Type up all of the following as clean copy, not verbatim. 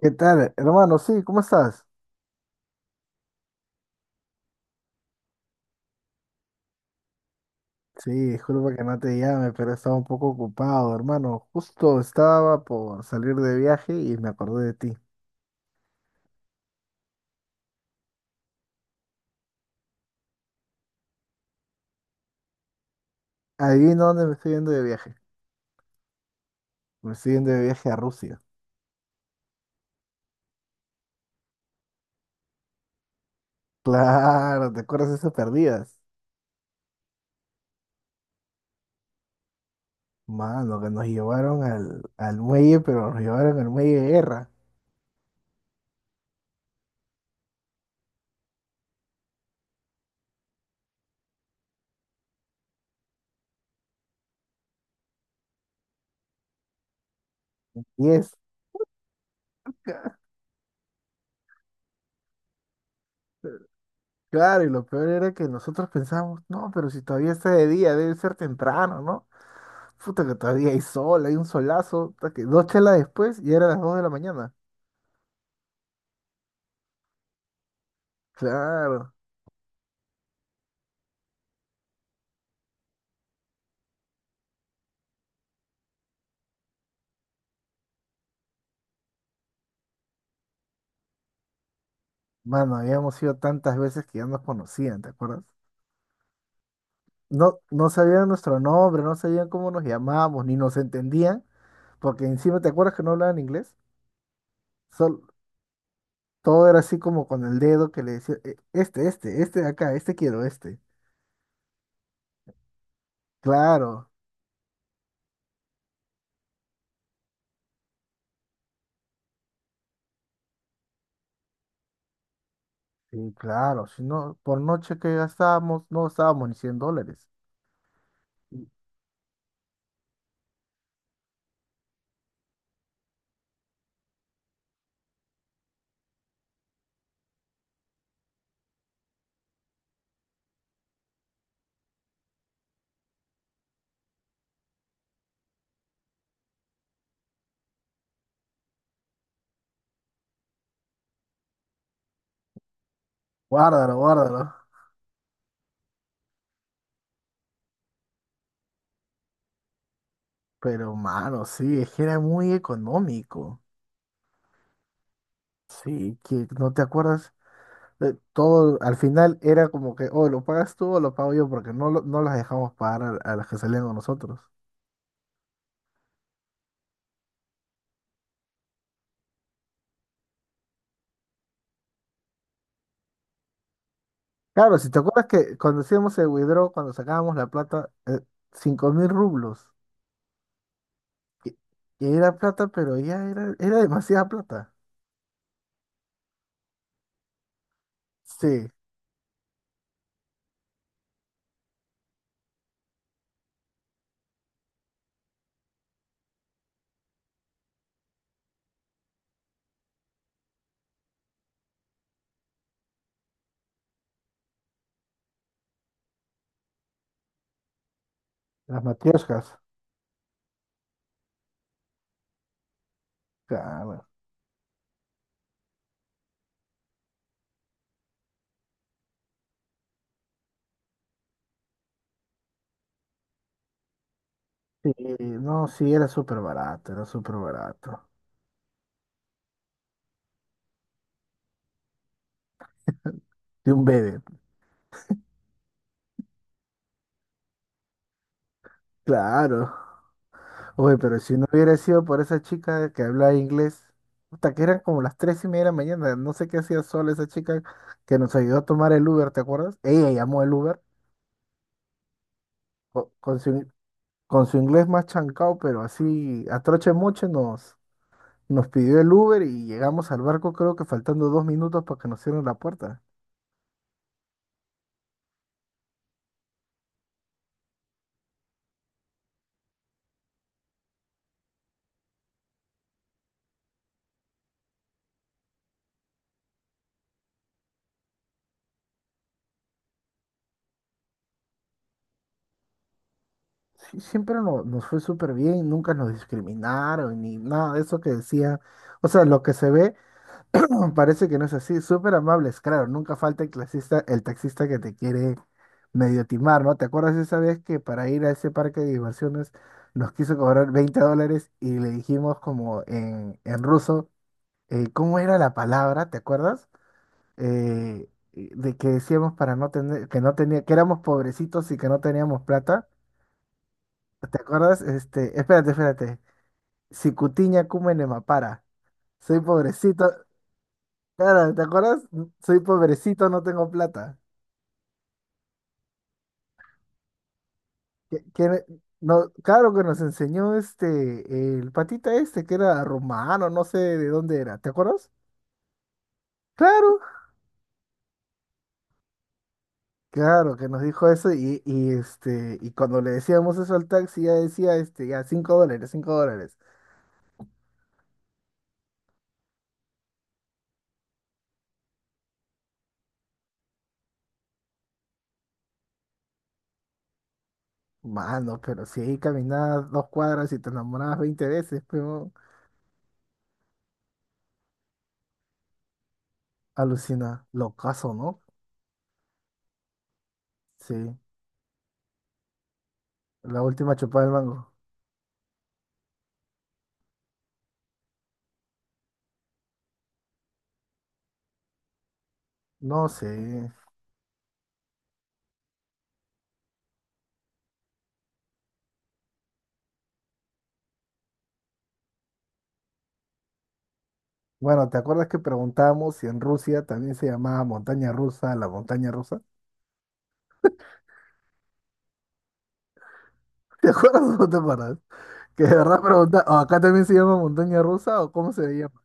¿Qué tal, hermano? Sí, ¿cómo estás? Sí, disculpa que no te llame, pero estaba un poco ocupado, hermano. Justo estaba por salir de viaje y me acordé de ti. Adivina dónde me estoy yendo de viaje. Me estoy yendo de viaje a Rusia. Claro, ¿te acuerdas de esas perdidas? Mano, que nos llevaron al muelle, pero nos llevaron al muelle de guerra. Y es. Claro, y lo peor era que nosotros pensábamos, no, pero si todavía está de día, debe ser temprano, ¿no? Puta que todavía hay sol, hay un solazo, puta que dos chelas después y era las dos de la mañana. Claro. Mano, habíamos ido tantas veces que ya nos conocían, ¿te acuerdas? No sabían nuestro nombre, no sabían cómo nos llamábamos, ni nos entendían, porque encima, ¿te acuerdas que no hablaban inglés? Sol- Todo era así como con el dedo que le decía: este, este, este de acá, este quiero, este". Claro. Sí, claro, si no, por noche que gastábamos, no gastábamos ni 100 dólares. Guárdalo, guárdalo. Pero, mano, sí, es que era muy económico. Sí, que no te acuerdas. Todo, al final era como que o lo pagas tú o lo pago yo, porque no, no las dejamos pagar a las que salían con nosotros. Claro, si te acuerdas que cuando hacíamos el withdraw, cuando sacábamos la plata, cinco mil rublos, que, que era plata, pero ya era, era demasiada plata. Sí, las matrioshkas. Claro. Sí, no, sí, era súper barato, era súper barato. De un bebé, claro. Oye, pero si no hubiera sido por esa chica que hablaba inglés, hasta que eran como las tres y media de la mañana, no sé qué hacía sola esa chica que nos ayudó a tomar el Uber, ¿te acuerdas? Ella llamó el Uber con su, con su inglés más chancado, pero así a troche moche nos pidió el Uber y llegamos al barco creo que faltando dos minutos para que nos cierren la puerta. Sí, siempre nos fue súper bien, nunca nos discriminaron ni nada de eso que decía. O sea, lo que se ve parece que no es así, súper amables, claro, nunca falta el clasista, el taxista que te quiere medio timar, ¿no? ¿Te acuerdas esa vez que para ir a ese parque de diversiones nos quiso cobrar 20 dólares y le dijimos como en ruso, ¿cómo era la palabra? ¿Te acuerdas? De que decíamos para no tener, que no tenía, que éramos pobrecitos y que no teníamos plata. ¿Te acuerdas? Este, espérate, espérate. Sicutiña cúmene mapara. Soy pobrecito. Claro, ¿te acuerdas? Soy pobrecito, no tengo plata. Que no, claro que nos enseñó este, el patita este, que era romano, no sé de dónde era. ¿Te acuerdas? Claro, claro, que nos dijo eso y este, y cuando le decíamos eso al taxi, ya decía este, ya cinco dólares, cinco dólares. Mano, pero si ahí caminabas dos cuadras y te enamorabas 20 veces, pero alucina, locazo, ¿no? Sí, la última chupada del mango. No sé. Bueno, ¿te acuerdas que preguntamos si en Rusia también se llamaba montaña rusa, la montaña rusa? ¿Te acuerdas o no te acuerdas? Que de verdad pregunta, ¿o acá también se llama montaña rusa o cómo se llama?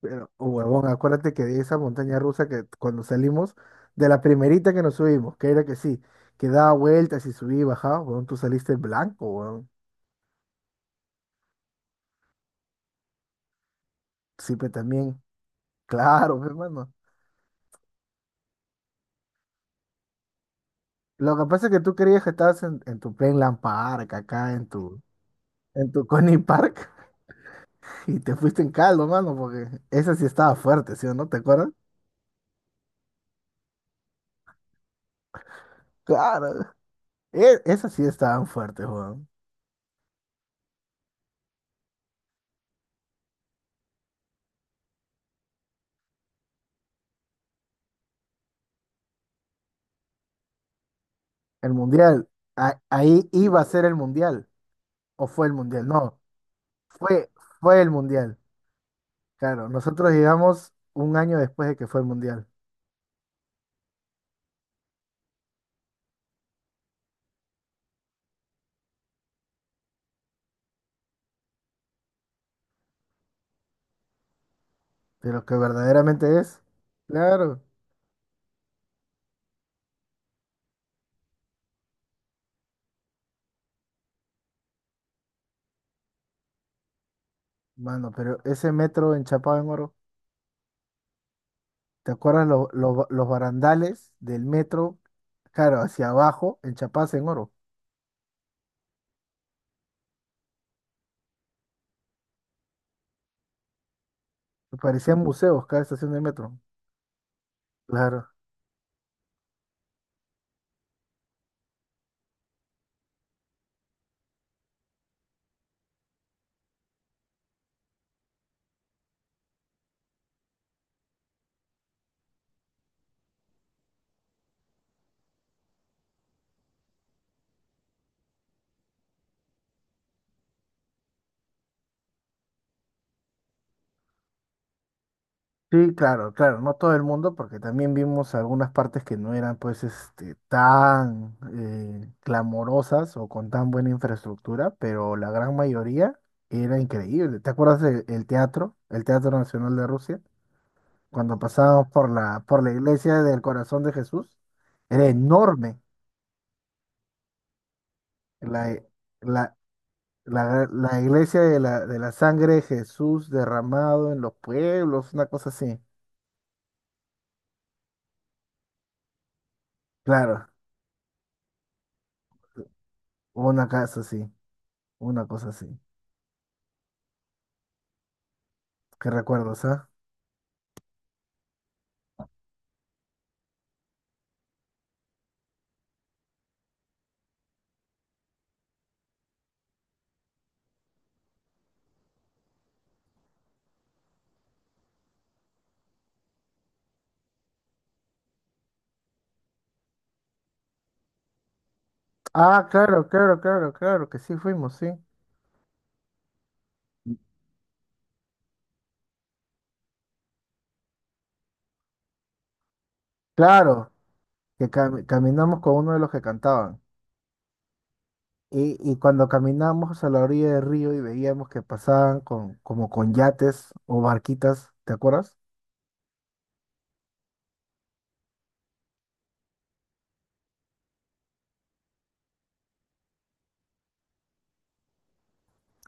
Pero, oh, huevón, acuérdate que de esa montaña rusa que cuando salimos, de la primerita que nos subimos, que era que sí, que daba vueltas y subía y bajaba, huevón, tú saliste blanco, huevón. Sí, pero también, claro, hermano. Lo que pasa es que tú creías que estabas en tu Plainland Park, acá en tu Coney Park y te fuiste en caldo, mano, porque esa sí estaba fuerte, ¿sí o no? ¿Te acuerdas? Claro, esa sí estaban fuertes, Juan. El mundial, ahí iba a ser el mundial, o fue el mundial, no, fue, fue el mundial. Claro, nosotros llegamos un año después de que fue el mundial, de lo que verdaderamente es. Claro, mano, pero ese metro enchapado en oro, ¿te acuerdas los barandales del metro? Claro, hacia abajo, enchapados en oro. Parecían museos cada estación de metro. Claro. Sí, claro, claro. No todo el mundo, porque también vimos algunas partes que no eran pues este tan clamorosas o con tan buena infraestructura, pero la gran mayoría era increíble. ¿Te acuerdas del el Teatro Nacional de Rusia? Cuando pasábamos por la iglesia del Corazón de Jesús, era enorme. La, la, la iglesia de de la sangre de Jesús derramado en los pueblos, una cosa así. Claro, una casa así, una cosa así. ¿Qué recuerdos, ah? Ah, claro, claro, claro, claro, que sí fuimos, sí. Claro, que caminamos con uno de los que cantaban. Y cuando caminamos a la orilla del río y veíamos que pasaban con, como con yates o barquitas, ¿te acuerdas?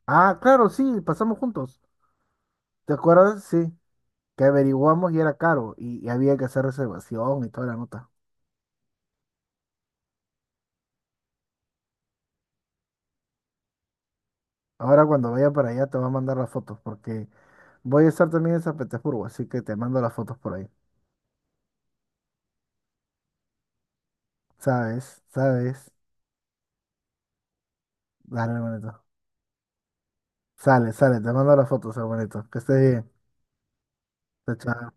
Ah, claro, sí, pasamos juntos. ¿Te acuerdas? Sí, que averiguamos y era caro y había que hacer reservación y toda la nota. Ahora cuando vaya para allá te voy a mandar las fotos porque voy a estar también en San Petersburgo, así que te mando las fotos por ahí. ¿Sabes? ¿Sabes? Dale, hermanito. Sale, sale, te mando las fotos, hermanito. Que estés bien. Chao, chao.